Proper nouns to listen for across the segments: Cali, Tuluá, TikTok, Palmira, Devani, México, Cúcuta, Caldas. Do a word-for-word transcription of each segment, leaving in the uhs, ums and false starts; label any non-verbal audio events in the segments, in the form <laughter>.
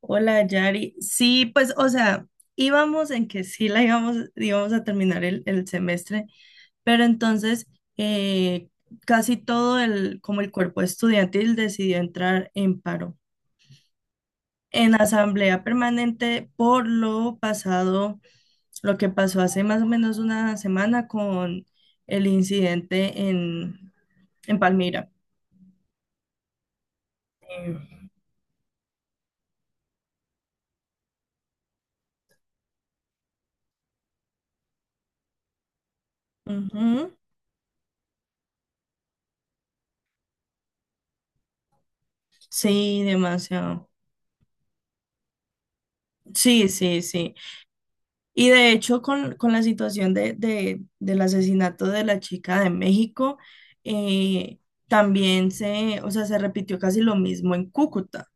Hola, Yari. Sí, pues, o sea, íbamos en que sí la íbamos, íbamos a terminar el, el semestre, pero entonces eh, casi todo el, como el cuerpo estudiantil decidió entrar en paro, en asamblea permanente por lo pasado, lo que pasó hace más o menos una semana con el incidente en, en Palmira. Eh, Ujú. Sí, demasiado. Sí, sí, sí. Y de hecho, con, con la situación de, de- del asesinato de la chica de México, eh, también se, o sea, se repitió casi lo mismo en Cúcuta.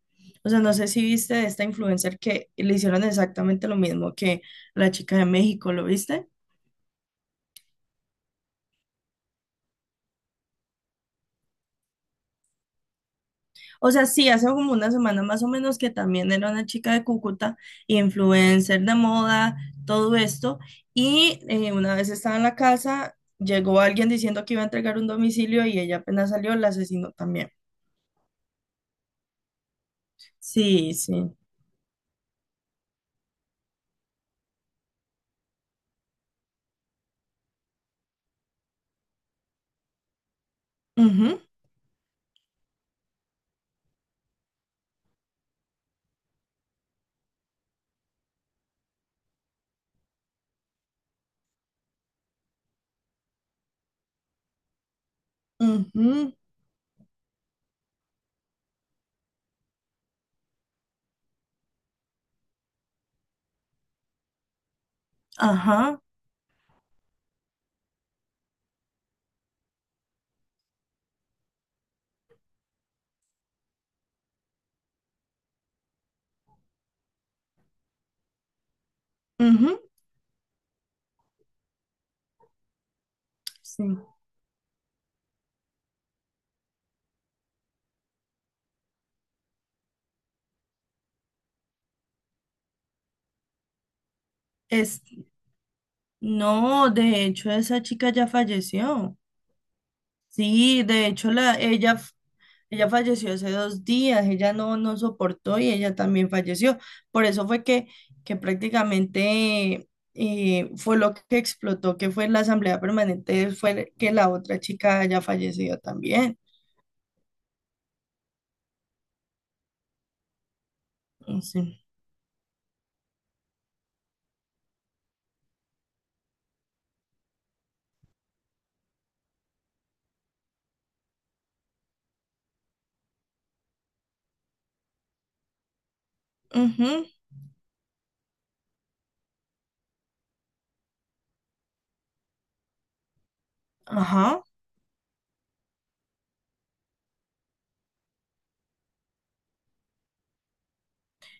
O sea, no sé si viste de esta influencer que le hicieron exactamente lo mismo que la chica de México, ¿lo viste? O sea, sí, hace como una semana más o menos que también era una chica de Cúcuta, influencer de moda, todo esto. Y eh, una vez estaba en la casa, llegó alguien diciendo que iba a entregar un domicilio y ella apenas salió, la asesinó también. Sí, sí. Ujú, ujú, ajá, ujú, sí. Es, no, de hecho, esa chica ya falleció. Sí, de hecho, la, ella Ella falleció hace dos días, ella no, no soportó y ella también falleció. Por eso fue que, que prácticamente eh, fue lo que explotó, que fue la asamblea permanente, fue que la otra chica haya fallecido también. Sí. Ujú, ajá,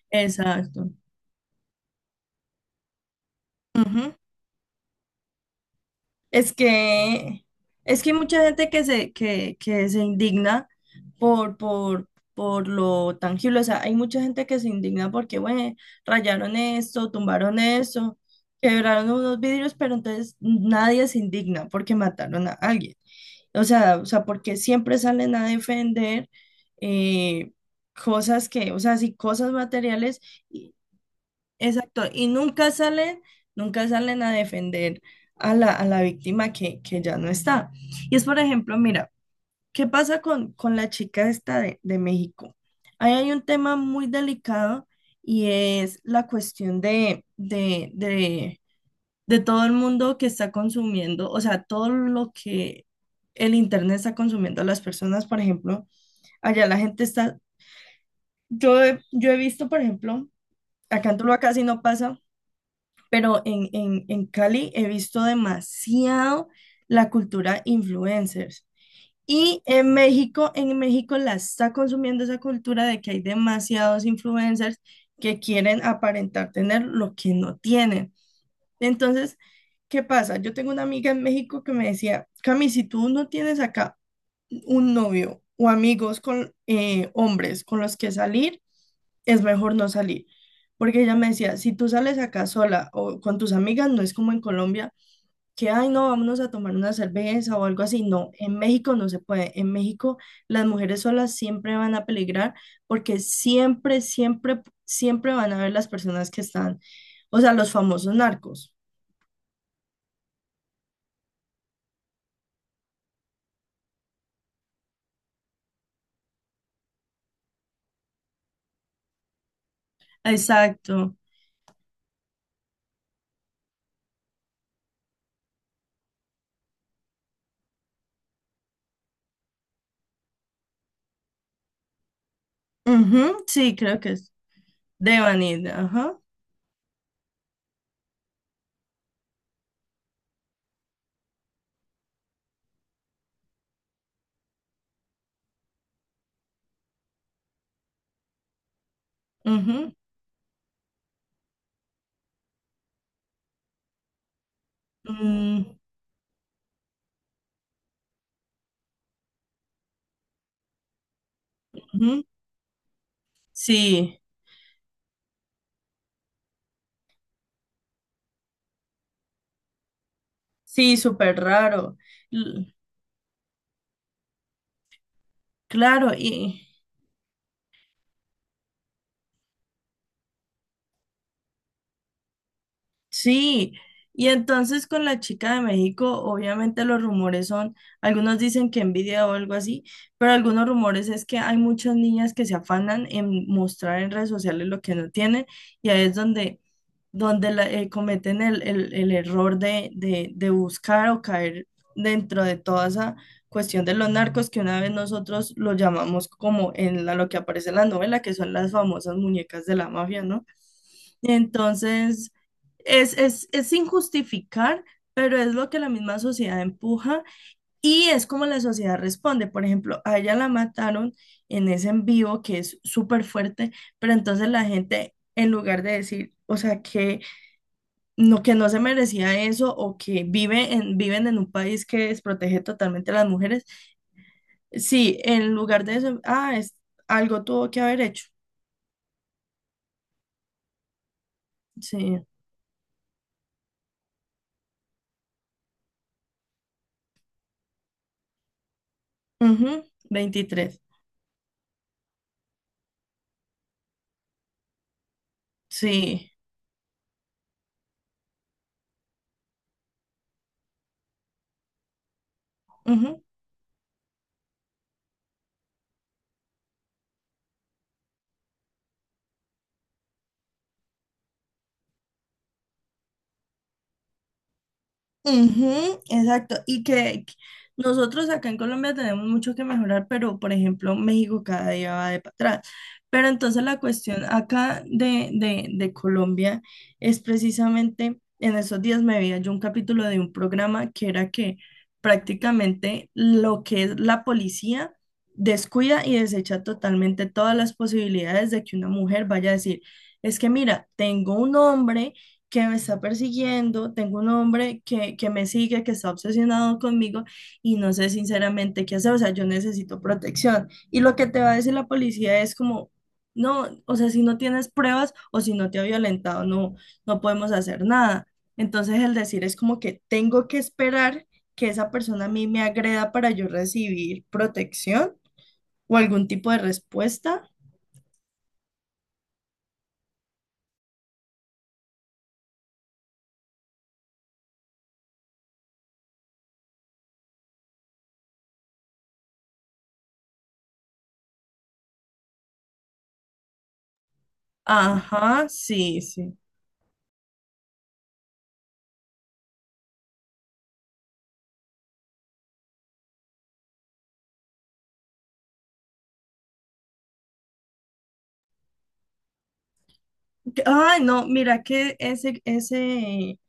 exacto. Ujú. Es que, es que hay mucha gente que se, que, que se indigna por, por, por lo tangible. O sea, hay mucha gente que se indigna porque, bueno, rayaron esto, tumbaron eso, quebraron unos vidrios, pero entonces nadie se indigna porque mataron a alguien. O sea, o sea, porque siempre salen a defender eh, cosas que, o sea, sí, cosas materiales. Exacto, y nunca salen, nunca salen a defender a la, a la víctima que, que ya no está. Y es, por ejemplo, mira, ¿qué pasa con, con la chica esta de, de México? Ahí hay un tema muy delicado y es la cuestión de, de, de, de todo el mundo que está consumiendo, o sea, todo lo que el Internet está consumiendo a las personas, por ejemplo, allá la gente está, yo he, yo he visto, por ejemplo, acá en Tuluá casi no pasa, pero en, en, en Cali he visto demasiado la cultura influencers. Y en México, en México la está consumiendo esa cultura de que hay demasiados influencers que quieren aparentar tener lo que no tienen. Entonces, ¿qué pasa? Yo tengo una amiga en México que me decía, Cami, si tú no tienes acá un novio o amigos con eh, hombres con los que salir, es mejor no salir. Porque ella me decía, si tú sales acá sola o con tus amigas, no es como en Colombia, que, ay, no, vámonos a tomar una cerveza o algo así. No, en México no se puede. En México las mujeres solas siempre van a peligrar porque siempre, siempre, siempre van a ver las personas que están, o sea, los famosos narcos. Exacto. Ujú, sí, creo que es Devani, ajá. Ujú, mm, ujú. Sí, sí, súper raro. L- claro, y sí, y entonces con la chica de México, obviamente los rumores son, algunos dicen que envidia o algo así, pero algunos rumores es que hay muchas niñas que se afanan en mostrar en redes sociales lo que no tienen y ahí es donde, donde la- eh, cometen el, el- el error de, de, de buscar o caer dentro de toda esa cuestión de los narcos que una vez nosotros lo llamamos como en la- lo que aparece en la novela, que son las famosas muñecas de la mafia, ¿no? Entonces... Es, es, es sin justificar, pero es lo que la misma sociedad empuja y es como la sociedad responde. Por ejemplo, a ella la mataron en ese en vivo que es súper fuerte, pero entonces la gente, en lugar de decir, o sea, que no, que no se merecía eso o que vive en, viven en un país que desprotege totalmente a las mujeres, sí, en lugar de eso, ah, es, algo tuvo que haber hecho. Sí. Ujú, veintitrés. Sí. Ujú, exacto, y que que nosotros acá en Colombia tenemos mucho que mejorar, pero por ejemplo México cada día va de para atrás. Pero entonces la cuestión acá de, de, de Colombia es precisamente, en esos días me veía yo un capítulo de un programa que era que prácticamente lo que es la policía descuida y desecha totalmente todas las posibilidades de que una mujer vaya a decir, es que mira, tengo un hombre que me está persiguiendo, tengo un hombre que, que me sigue, que está obsesionado conmigo y no sé sinceramente qué hacer, o sea, yo necesito protección. Y lo que te va a decir la policía es como, no, o sea, si no tienes pruebas o si no te ha violentado, no, no podemos hacer nada. Entonces el decir es como que tengo que esperar que esa persona a mí me agreda para yo recibir protección o algún tipo de respuesta. Ajá, sí, sí. Que- Ay, no, mira que ese, ese,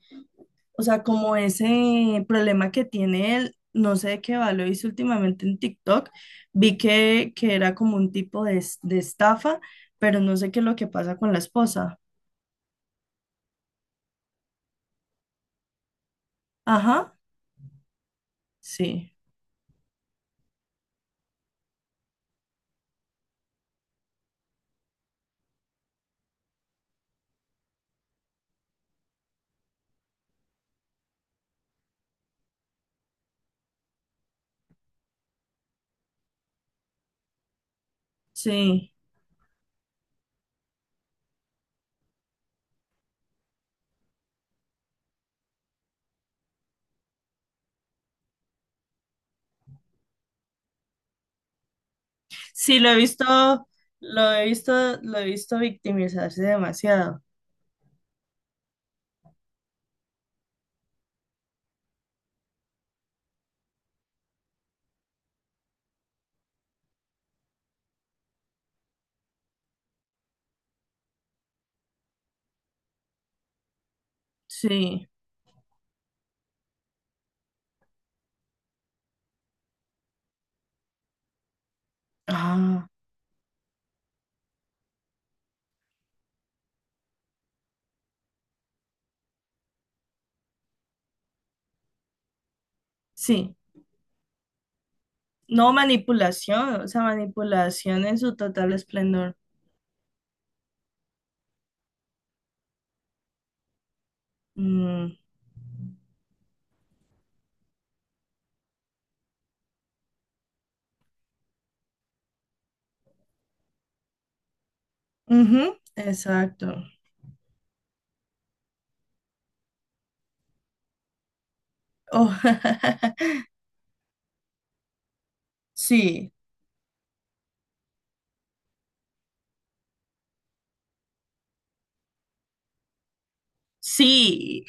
o sea, como ese problema que tiene él, no sé de qué valor hizo últimamente en TikTok, vi que, que era como un tipo de, es- de estafa, pero no sé qué es lo que pasa con la esposa. Ajá, sí, sí. Sí, lo he visto, lo he visto, lo he visto victimizarse demasiado. Sí. Ah, sí. No manipulación, o sea, manipulación en su total esplendor. Mm, ujú, exacto. Oh, <laughs> sí, sí.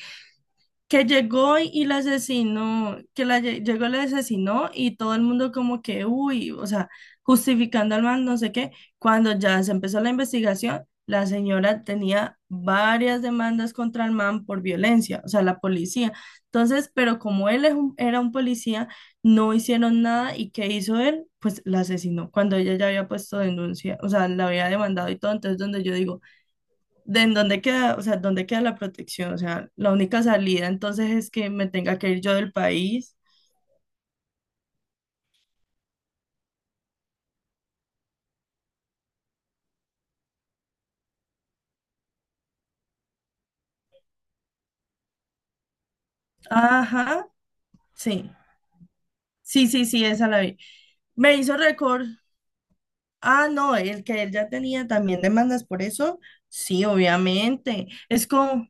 Que llegó y, y la asesinó, que la lle- llegó y la asesinó y todo el mundo como que, uy, o sea, justificando al man, no sé qué. Cuando ya se empezó la investigación, la señora tenía varias demandas contra el man por violencia, o sea, la policía. Entonces, pero como él es un- era un policía, no hicieron nada y ¿qué hizo él? Pues la asesinó cuando ella ya había puesto denuncia, o sea, la había demandado y todo. Entonces, donde yo digo ¿de en dónde queda, o sea, dónde queda la protección? O sea, la única salida entonces es que me tenga que ir yo del país. Ajá, sí. Sí, sí, sí, esa la vi. Me hizo récord. Ah, no, el que él ya tenía también demandas por eso. Sí, obviamente. Es como,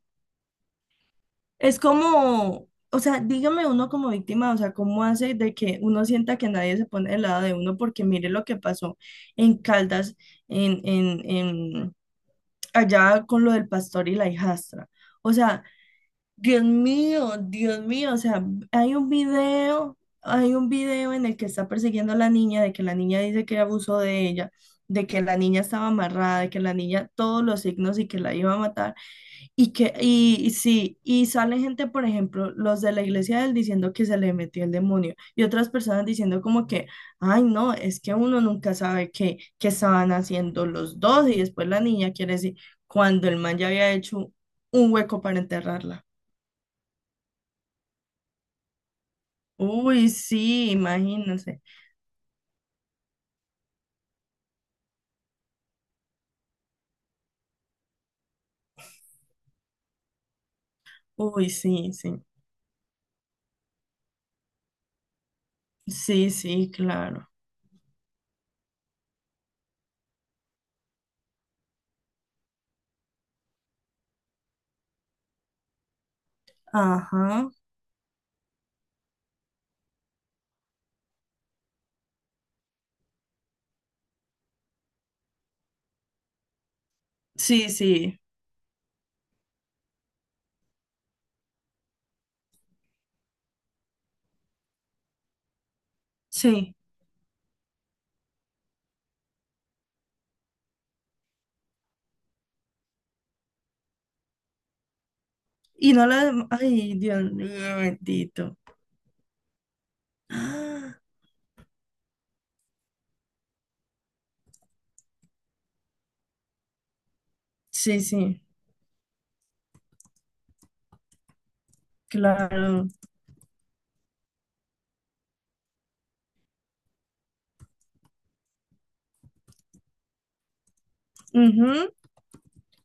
es como, o sea, dígame uno como víctima, o sea, ¿cómo hace de que uno sienta que nadie se pone del lado de uno? Porque mire lo que pasó en Caldas, en, en, en allá con lo del pastor y la hijastra. O sea, Dios mío, Dios mío, o sea, hay un video, hay un video en el que está persiguiendo a la niña, de que la niña dice que abusó de ella, de que la niña estaba amarrada, de que la niña todos los signos y que la iba a matar, y que, y, y sí, y sale gente, por ejemplo, los de la iglesia de él diciendo que se le metió el demonio, y otras personas diciendo como que, ay, no, es que uno nunca sabe qué, qué estaban haciendo los dos, y después la niña quiere decir, cuando el man ya había hecho un hueco para enterrarla. Uy, sí, imagínense. Uy, sí, sí. Sí, sí, claro. Ajá. Sí, sí, sí. Y no la, ay, Dios mío, bendito. <gasps> Ah, sí, sí. Claro. Ujú.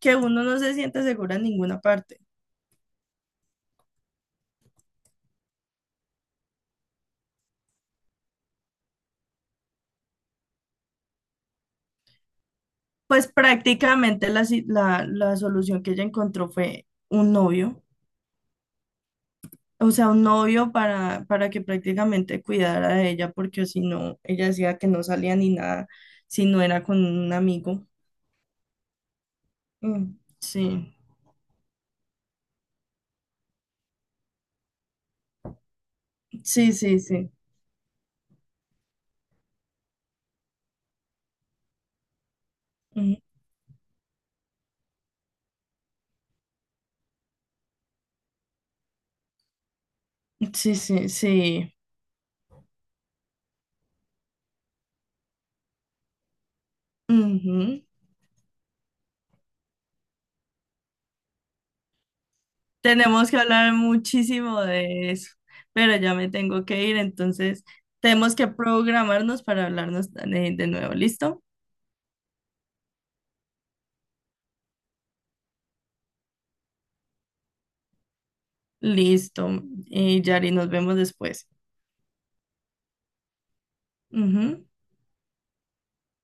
Que uno no se siente seguro en ninguna parte. Pues prácticamente la, si- la, la solución que ella encontró fue un novio. O sea, un novio para, para que prácticamente cuidara de ella, porque si no, ella decía que no salía ni nada si no era con un amigo. Mm, sí, sí, sí, sí. Mm, sí, sí, sí. Ujú. Tenemos que hablar muchísimo de eso, pero ya me tengo que ir, entonces tenemos que programarnos para hablarnos de, de nuevo. ¿Listo? Listo. Y Yari, nos vemos después. Ujú.